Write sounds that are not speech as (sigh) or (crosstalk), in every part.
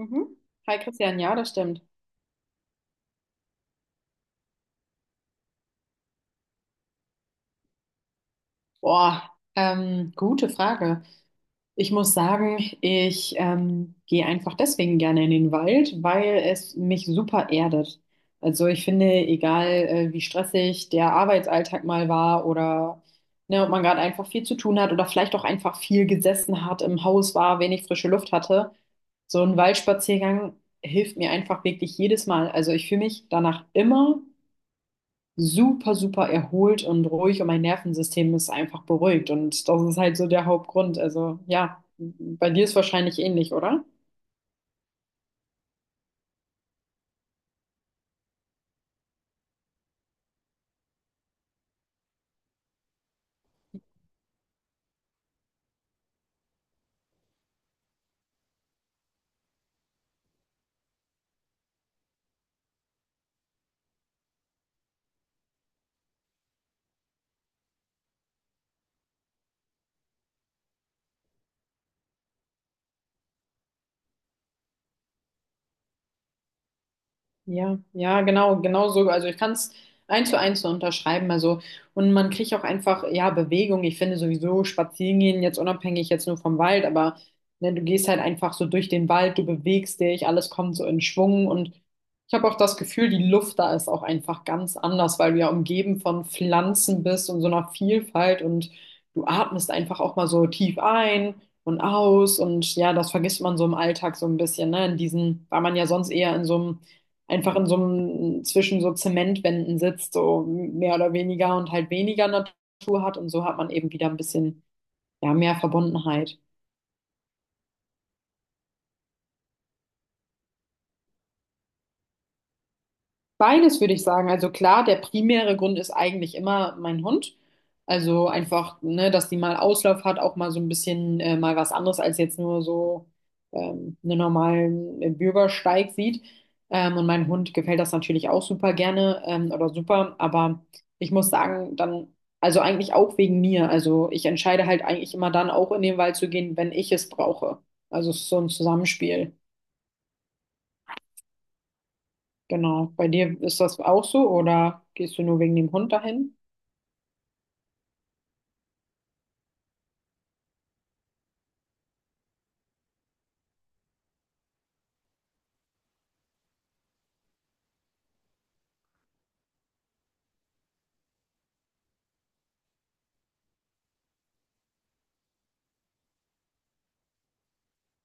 Mhm. Hi Christian, ja, das stimmt. Boah, gute Frage. Ich muss sagen, ich gehe einfach deswegen gerne in den Wald, weil es mich super erdet. Also ich finde, egal wie stressig der Arbeitsalltag mal war, oder ne, ob man gerade einfach viel zu tun hat oder vielleicht auch einfach viel gesessen hat, im Haus war, wenig frische Luft hatte, so ein Waldspaziergang hilft mir einfach wirklich jedes Mal. Also ich fühle mich danach immer super, super erholt und ruhig und mein Nervensystem ist einfach beruhigt. Und das ist halt so der Hauptgrund. Also ja, bei dir ist wahrscheinlich ähnlich, oder? Ja, ja, genau, genau so. Also ich kann es eins zu eins so unterschreiben. Also, und man kriegt auch einfach, ja, Bewegung. Ich finde sowieso spazieren gehen, jetzt unabhängig jetzt nur vom Wald, aber ne, du gehst halt einfach so durch den Wald, du bewegst dich, alles kommt so in Schwung. Und ich habe auch das Gefühl, die Luft da ist auch einfach ganz anders, weil du ja umgeben von Pflanzen bist und so einer Vielfalt und du atmest einfach auch mal so tief ein. Und aus und ja, das vergisst man so im Alltag so ein bisschen, ne? In diesen, weil man ja sonst eher in so einem, einfach in so einem, zwischen so Zementwänden sitzt, so mehr oder weniger und halt weniger Natur hat. Und so hat man eben wieder ein bisschen, ja, mehr Verbundenheit. Beides würde ich sagen. Also klar, der primäre Grund ist eigentlich immer mein Hund. Also einfach, ne, dass die mal Auslauf hat, auch mal so ein bisschen mal was anderes als jetzt nur so einen normalen Bürgersteig sieht. Und mein Hund gefällt das natürlich auch super gerne, oder super. Aber ich muss sagen, dann, also eigentlich auch wegen mir. Also ich entscheide halt eigentlich immer dann auch in den Wald zu gehen, wenn ich es brauche. Also es ist so ein Zusammenspiel. Genau. Bei dir ist das auch so, oder gehst du nur wegen dem Hund dahin?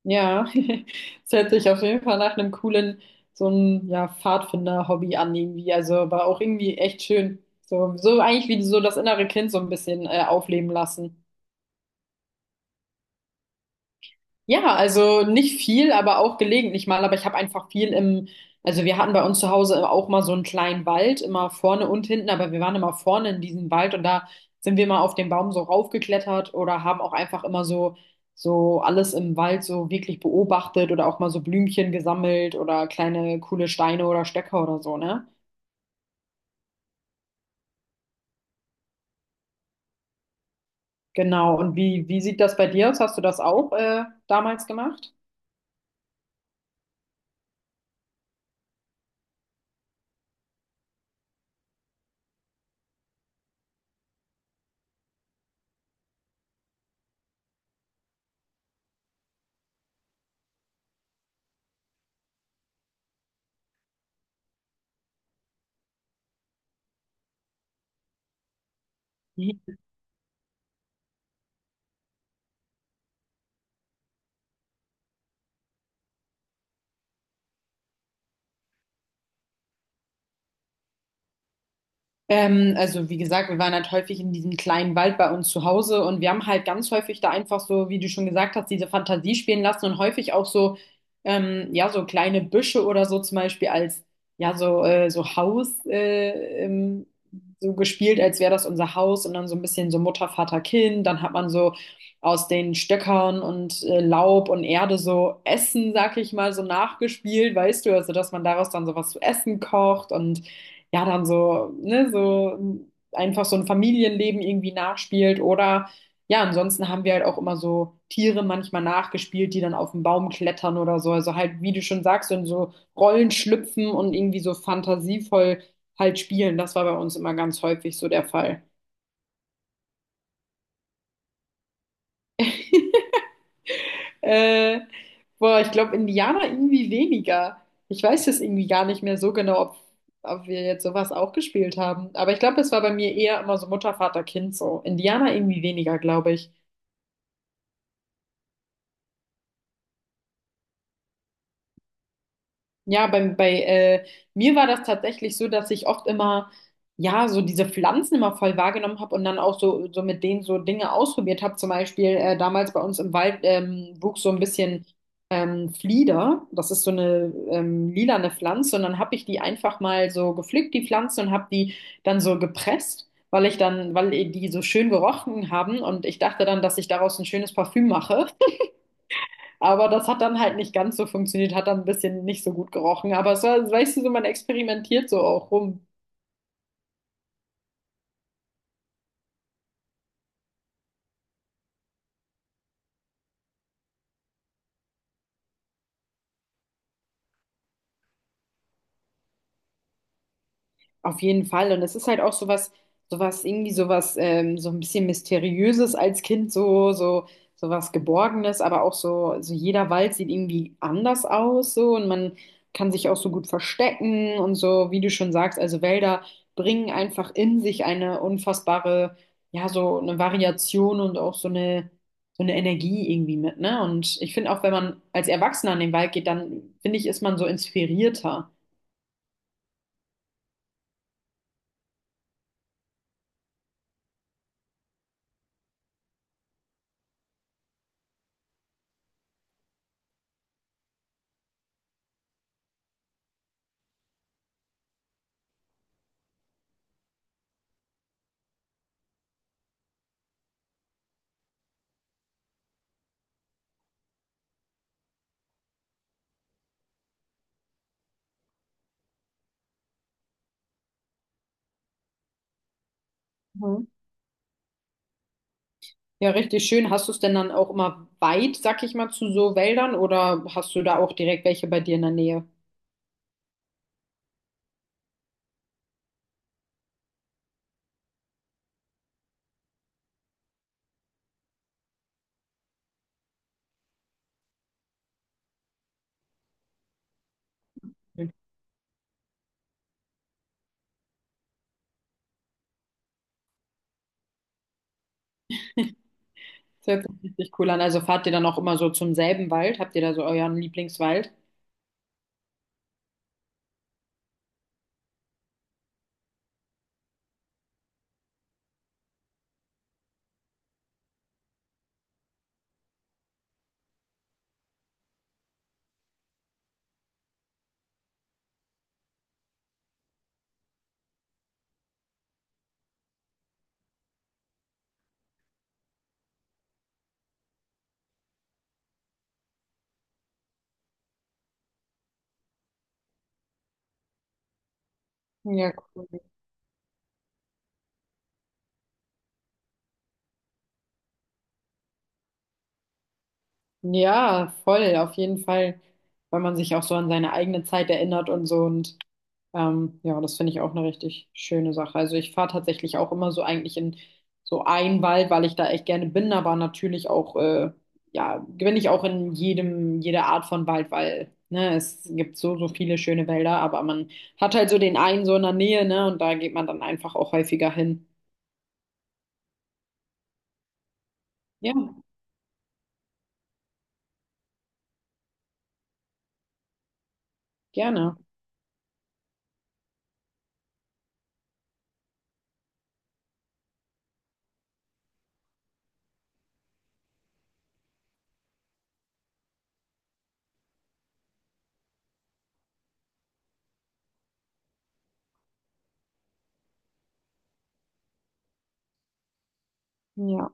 Ja, (laughs) es hört sich auf jeden Fall nach einem coolen, so ein ja, Pfadfinder-Hobby an irgendwie. Also, aber auch irgendwie echt schön. So, so eigentlich wie so das innere Kind so ein bisschen aufleben lassen. Ja, also nicht viel, aber auch gelegentlich mal. Aber ich habe einfach viel im, also wir hatten bei uns zu Hause auch mal so einen kleinen Wald, immer vorne und hinten, aber wir waren immer vorne in diesem Wald und da sind wir mal auf den Baum so raufgeklettert oder haben auch einfach immer so, so alles im Wald so wirklich beobachtet oder auch mal so Blümchen gesammelt oder kleine coole Steine oder Stöcker oder so, ne? Genau. Und wie, wie sieht das bei dir aus? Hast du das auch damals gemacht? (laughs) Also wie gesagt, wir waren halt häufig in diesem kleinen Wald bei uns zu Hause und wir haben halt ganz häufig da einfach so, wie du schon gesagt hast, diese Fantasie spielen lassen und häufig auch so, ja, so kleine Büsche oder so zum Beispiel als, ja, so, so Haus, so gespielt, als wäre das unser Haus und dann so ein bisschen so Mutter, Vater, Kind. Dann hat man so aus den Stöckern und Laub und Erde so Essen, sag ich mal, so nachgespielt, weißt du, also dass man daraus dann sowas zu essen kocht und ja, dann so, ne, so einfach so ein Familienleben irgendwie nachspielt oder ja, ansonsten haben wir halt auch immer so Tiere manchmal nachgespielt, die dann auf den Baum klettern oder so. Also halt, wie du schon sagst, in so Rollen schlüpfen und irgendwie so fantasievoll halt spielen. Das war bei uns immer ganz häufig so der Fall. Äh, Boah, ich glaube, Indianer irgendwie weniger. Ich weiß jetzt irgendwie gar nicht mehr so genau, ob, ob wir jetzt sowas auch gespielt haben. Aber ich glaube, es war bei mir eher immer so Mutter, Vater, Kind so. Indianer irgendwie weniger, glaube ich. Ja, bei, bei mir war das tatsächlich so, dass ich oft immer, ja, so diese Pflanzen immer voll wahrgenommen habe und dann auch so, so mit denen so Dinge ausprobiert habe. Zum Beispiel damals bei uns im Wald, wuchs so ein bisschen Flieder. Das ist so eine lilane Pflanze und dann habe ich die einfach mal so gepflückt, die Pflanze, und habe die dann so gepresst. Weil ich dann, weil die so schön gerochen haben und ich dachte dann, dass ich daraus ein schönes Parfüm mache. Aber das hat dann halt nicht ganz so funktioniert, hat dann ein bisschen nicht so gut gerochen. Aber es war, weißt du, so man experimentiert so auch rum. Auf jeden Fall. Und es ist halt auch sowas, sowas, irgendwie sowas, so ein bisschen Mysteriöses als Kind, so, so, sowas Geborgenes, aber auch so, so jeder Wald sieht irgendwie anders aus, so, und man kann sich auch so gut verstecken und so, wie du schon sagst, also Wälder bringen einfach in sich eine unfassbare, ja, so eine Variation und auch so eine Energie irgendwie mit, ne? Und ich finde auch, wenn man als Erwachsener in den Wald geht, dann finde ich, ist man so inspirierter. Ja, richtig schön. Hast du es denn dann auch immer weit, sag ich mal, zu so Wäldern, oder hast du da auch direkt welche bei dir in der Nähe? Das hört sich richtig cool an. Also fahrt ihr dann auch immer so zum selben Wald? Habt ihr da so euren Lieblingswald? Ja, cool. Ja, voll, auf jeden Fall, weil man sich auch so an seine eigene Zeit erinnert und so und ja, das finde ich auch eine richtig schöne Sache. Also ich fahre tatsächlich auch immer so eigentlich in so einen Wald, weil ich da echt gerne bin, aber natürlich auch, ja, bin ich auch in jedem, jeder Art von Wald, weil, ne, es gibt so, so viele schöne Wälder, aber man hat halt so den einen so in der Nähe, ne, und da geht man dann einfach auch häufiger hin. Ja, gerne. Ja.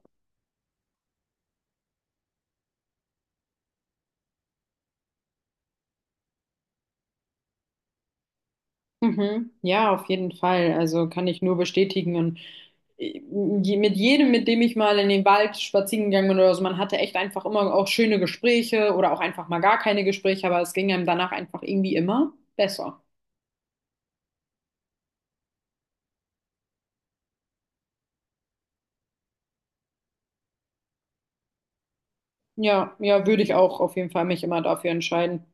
Mhm. Ja, auf jeden Fall. Also kann ich nur bestätigen. Und mit jedem, mit dem ich mal in den Wald spazieren gegangen bin oder so, man hatte echt einfach immer auch schöne Gespräche oder auch einfach mal gar keine Gespräche, aber es ging einem danach einfach irgendwie immer besser. Ja, ja, würde ich auch auf jeden Fall mich immer dafür entscheiden.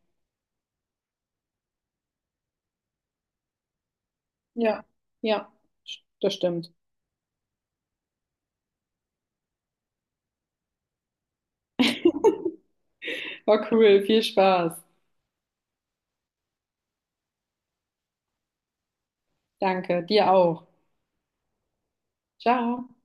Ja, ja, das stimmt. War cool, viel Spaß. Danke, dir auch. Ciao.